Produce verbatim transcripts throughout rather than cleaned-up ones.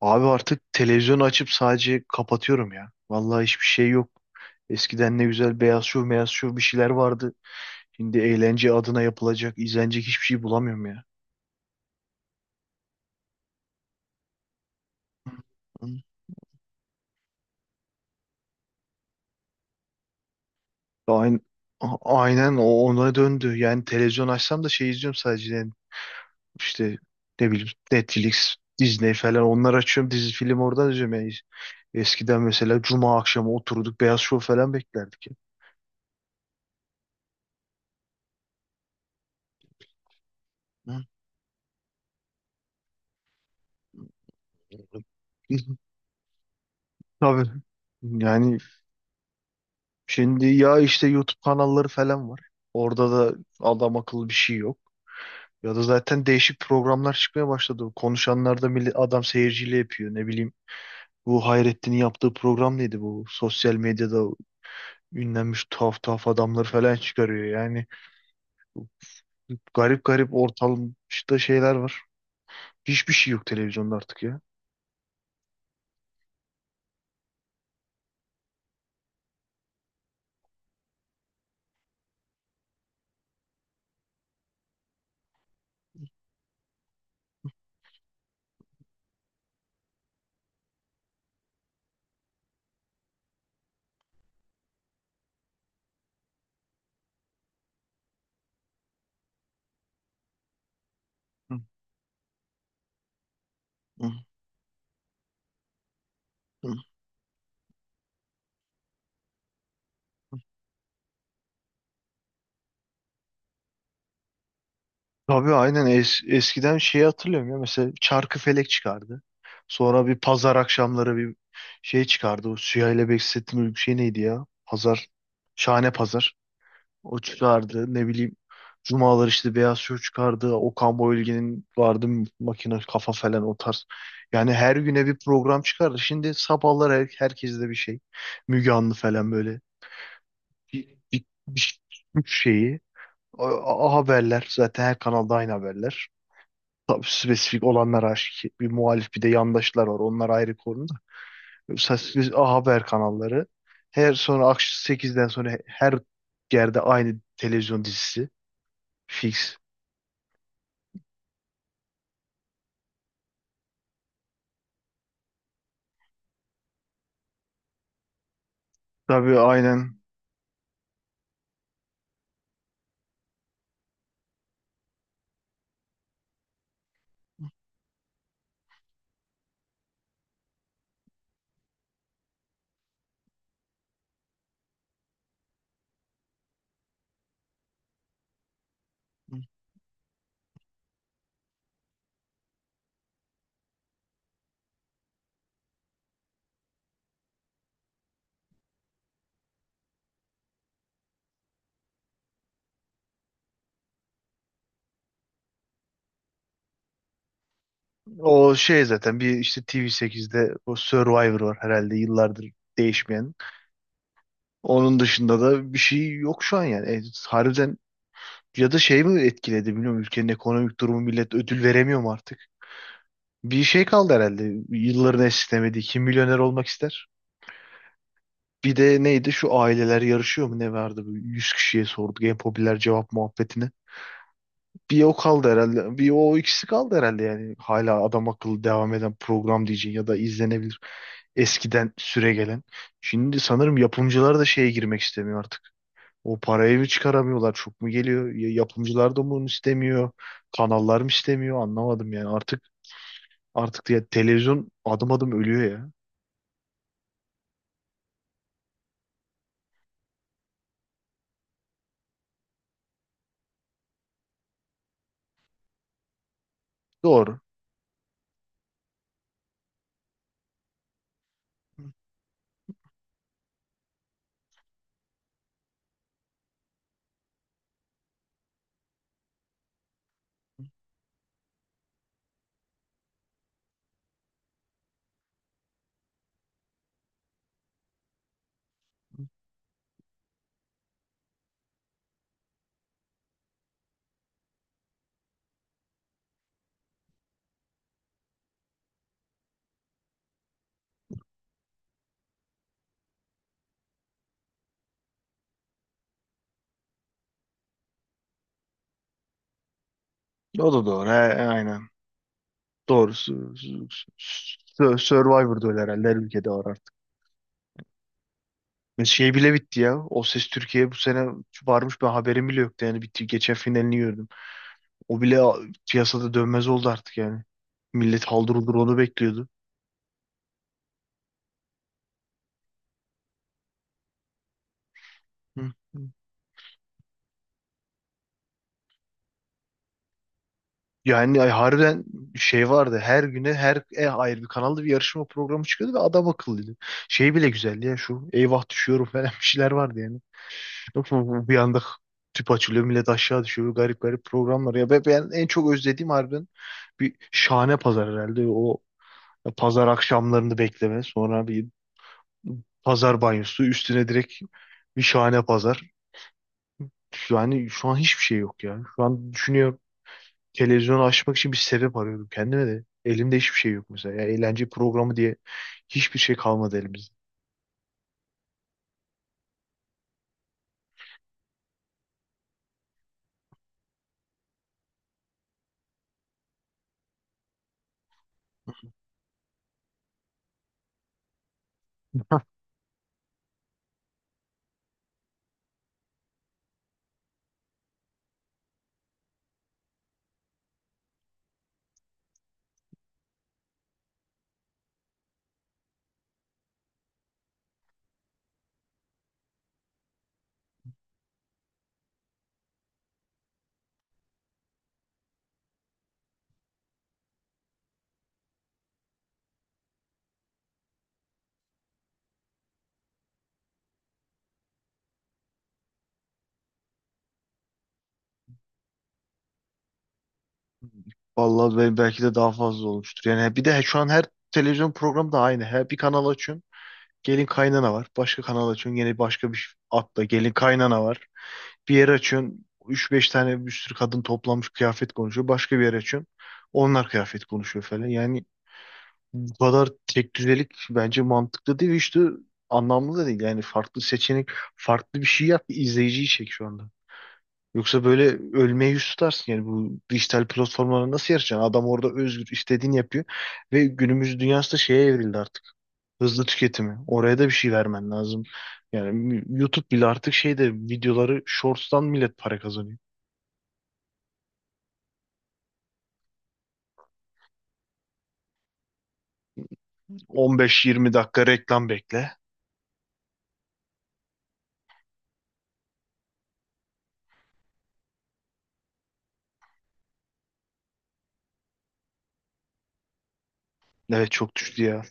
Abi artık televizyonu açıp sadece kapatıyorum ya. Vallahi hiçbir şey yok. Eskiden ne güzel beyaz şov, beyaz şov bir şeyler vardı. Şimdi eğlence adına yapılacak, izlenecek hiçbir şey bulamıyorum ya. Aynen, aynen o ona döndü. Yani televizyon açsam da şey izliyorum sadece. Yani işte ne bileyim Netflix, Disney falan onları açıyorum. Dizi film oradan izliyorum. Yani eskiden mesela cuma akşamı oturduk beyaz şov falan beklerdik ya. Hı. Tabii. Yani şimdi ya işte YouTube kanalları falan var. Orada da adam akıllı bir şey yok. Ya da zaten değişik programlar çıkmaya başladı. Konuşanlarda millet, adam seyirciyle yapıyor. Ne bileyim bu Hayrettin'in yaptığı program neydi bu? Sosyal medyada ünlenmiş tuhaf tuhaf adamları falan çıkarıyor. Yani garip garip ortalıkta şeyler var. Hiçbir şey yok televizyonda artık ya. Hı, hı, hı. Tabii aynen. Es- eskiden şeyi hatırlıyorum ya, mesela Çarkıfelek çıkardı. Sonra bir pazar akşamları bir şey çıkardı. O Süheyl ile Behzettin Uygun şey neydi ya? Pazar. Şahane Pazar. O çıkardı. Ne bileyim cumalar işte Beyaz Şov çıkardı. Okan Bayülgen'in vardı, makine kafa falan o tarz. Yani her güne bir program çıkardı. Şimdi sabahlar her, herkes de bir şey. Müge Anlı falan böyle. Bir, bir, bir şeyi. A- a- haberler. Zaten her kanalda aynı haberler. Tabii spesifik olanlar aşikar. Bir muhalif bir de yandaşlar var. Onlar ayrı konuda. Spesifik A Haber kanalları. Her sonra akşam sekizden sonra her yerde aynı televizyon dizisi. Fix. Tabii aynen. O şey zaten bir işte tv sekizde o Survivor var herhalde, yıllardır değişmeyen. Onun dışında da bir şey yok şu an yani. E, harbiden, ya da şey mi etkiledi bilmiyorum, ülkenin ekonomik durumu millet ödül veremiyor mu artık? Bir şey kaldı herhalde. Yılların esnemediği, kim milyoner olmak ister? Bir de neydi şu aileler yarışıyor mu ne vardı? Bu yüz kişiye sorduk, en popüler cevap muhabbetini. Bir o kaldı herhalde. Bir o ikisi kaldı herhalde yani. Hala adam akıllı devam eden program diyeceğin ya da izlenebilir. Eskiden süre gelen. Şimdi sanırım yapımcılar da şeye girmek istemiyor artık. O parayı mı çıkaramıyorlar? Çok mu geliyor? Ya- Yapımcılar da mı bunu istemiyor? Kanallar mı istemiyor? Anlamadım yani. Artık artık ya televizyon adım adım ölüyor ya. Doğru. O da doğru. He, aynen. Doğru. Su- su- su- Survivor'da öyle herhalde. Her ülkede var artık. Ve şey bile bitti ya. O Ses Türkiye bu sene varmış. Ben haberim bile yoktu. Yani bitti. Geçen finalini gördüm. O bile a- piyasada dönmez oldu artık yani. Millet haldır huldur onu bekliyordu. Hı. Yani ay, harbiden şey vardı. Her güne her e, ayrı bir kanalda bir yarışma programı çıkıyordu ve adam akıllıydı. Şey bile güzeldi ya, şu eyvah düşüyorum falan bir şeyler vardı yani. Yok mu bu- Bir anda tüp açılıyor, millet aşağı düşüyor. Garip garip programlar. Ya ben, ben en çok özlediğim harbiden bir şahane pazar herhalde. O pazar akşamlarını bekleme. Sonra bir pazar banyosu üstüne direkt bir şahane pazar. Yani şu an hiçbir şey yok ya. Şu an düşünüyorum, televizyonu açmak için bir sebep arıyordum kendime de. Elimde hiçbir şey yok mesela. Ya eğlence programı diye hiçbir şey kalmadı elimizde. Vallahi be- belki de daha fazla olmuştur. Yani bir de şu an her televizyon programı da aynı. Her bir kanal açıyorsun, gelin kaynana var. Başka kanal açıyorsun, yine başka bir atla gelin kaynana var. Bir yer açıyorsun, üç beş tane bir sürü kadın toplanmış kıyafet konuşuyor. Başka bir yer açıyorsun, onlar kıyafet konuşuyor falan. Yani bu kadar tek düzelik bence mantıklı değil ve işte anlamlı da değil. Yani farklı seçenek, farklı bir şey yap ki izleyiciyi çek şu anda. Yoksa böyle ölmeye yüz tutarsın yani. Bu dijital platformlara nasıl yarışacaksın? Adam orada özgür, istediğini yapıyor ve günümüz dünyası da şeye evrildi artık. Hızlı tüketimi. Oraya da bir şey vermen lazım. Yani YouTube bile artık şeyde, videoları shorts'tan millet para kazanıyor. on beş yirmi dakika reklam bekle. Evet çok düştü ya.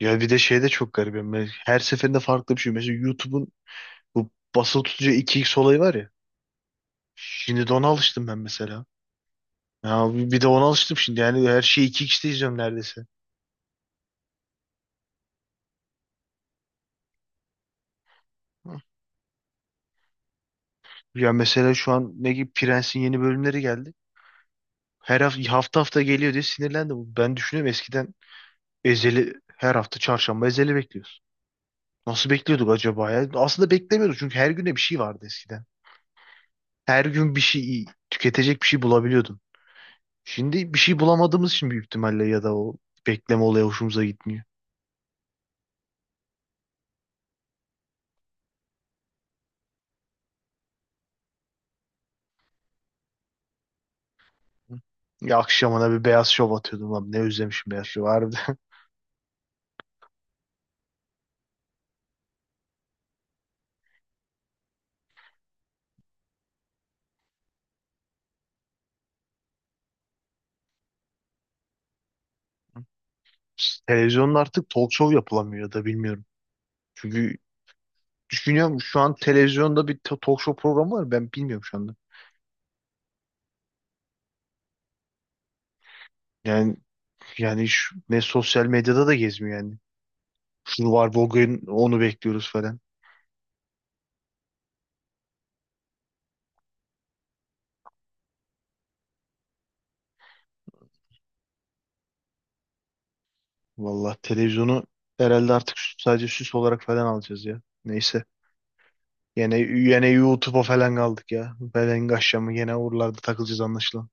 Ya bir de şey de çok garip. Yani ben- her seferinde farklı bir şey. Mesela YouTube'un bu basılı tutucu iki x olayı var ya. Şimdi de ona alıştım ben mesela. Ya bir bir de ona alıştım şimdi. Yani her şeyi iki xte izliyorum neredeyse. Ya mesela şu an ne gibi Prens'in yeni bölümleri geldi. Her hafta, hafta hafta geliyor diye sinirlendim. Ben düşünüyorum, eskiden Ezeli, her hafta çarşamba Ezeli bekliyoruz. Nasıl bekliyorduk acaba ya? Aslında beklemiyorduk çünkü her güne bir şey vardı eskiden. Her gün bir şey, tüketecek bir şey bulabiliyordun. Şimdi bir şey bulamadığımız için büyük ihtimalle, ya da o bekleme olayı hoşumuza gitmiyor. Ya akşamına bir beyaz şov atıyordum abi. Ne özlemişim beyaz şov harbiden. Televizyonda artık talk show yapılamıyor ya da bilmiyorum. Çünkü düşünüyorum, şu an televizyonda bir ta- talk show programı var, ben bilmiyorum şu anda. Yani yani şu- ne sosyal medyada da gezmiyor yani. Şunu var bugün, onu bekliyoruz falan. Vallahi televizyonu herhalde artık sadece süs olarak falan alacağız ya. Neyse. Yine, yine YouTube'a falan kaldık ya. Belen aşamı yine oralarda takılacağız anlaşılan.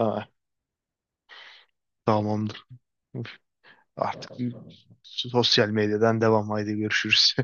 Aa, tamamdır. Üf, artık sosyal medyadan devam. Haydi görüşürüz.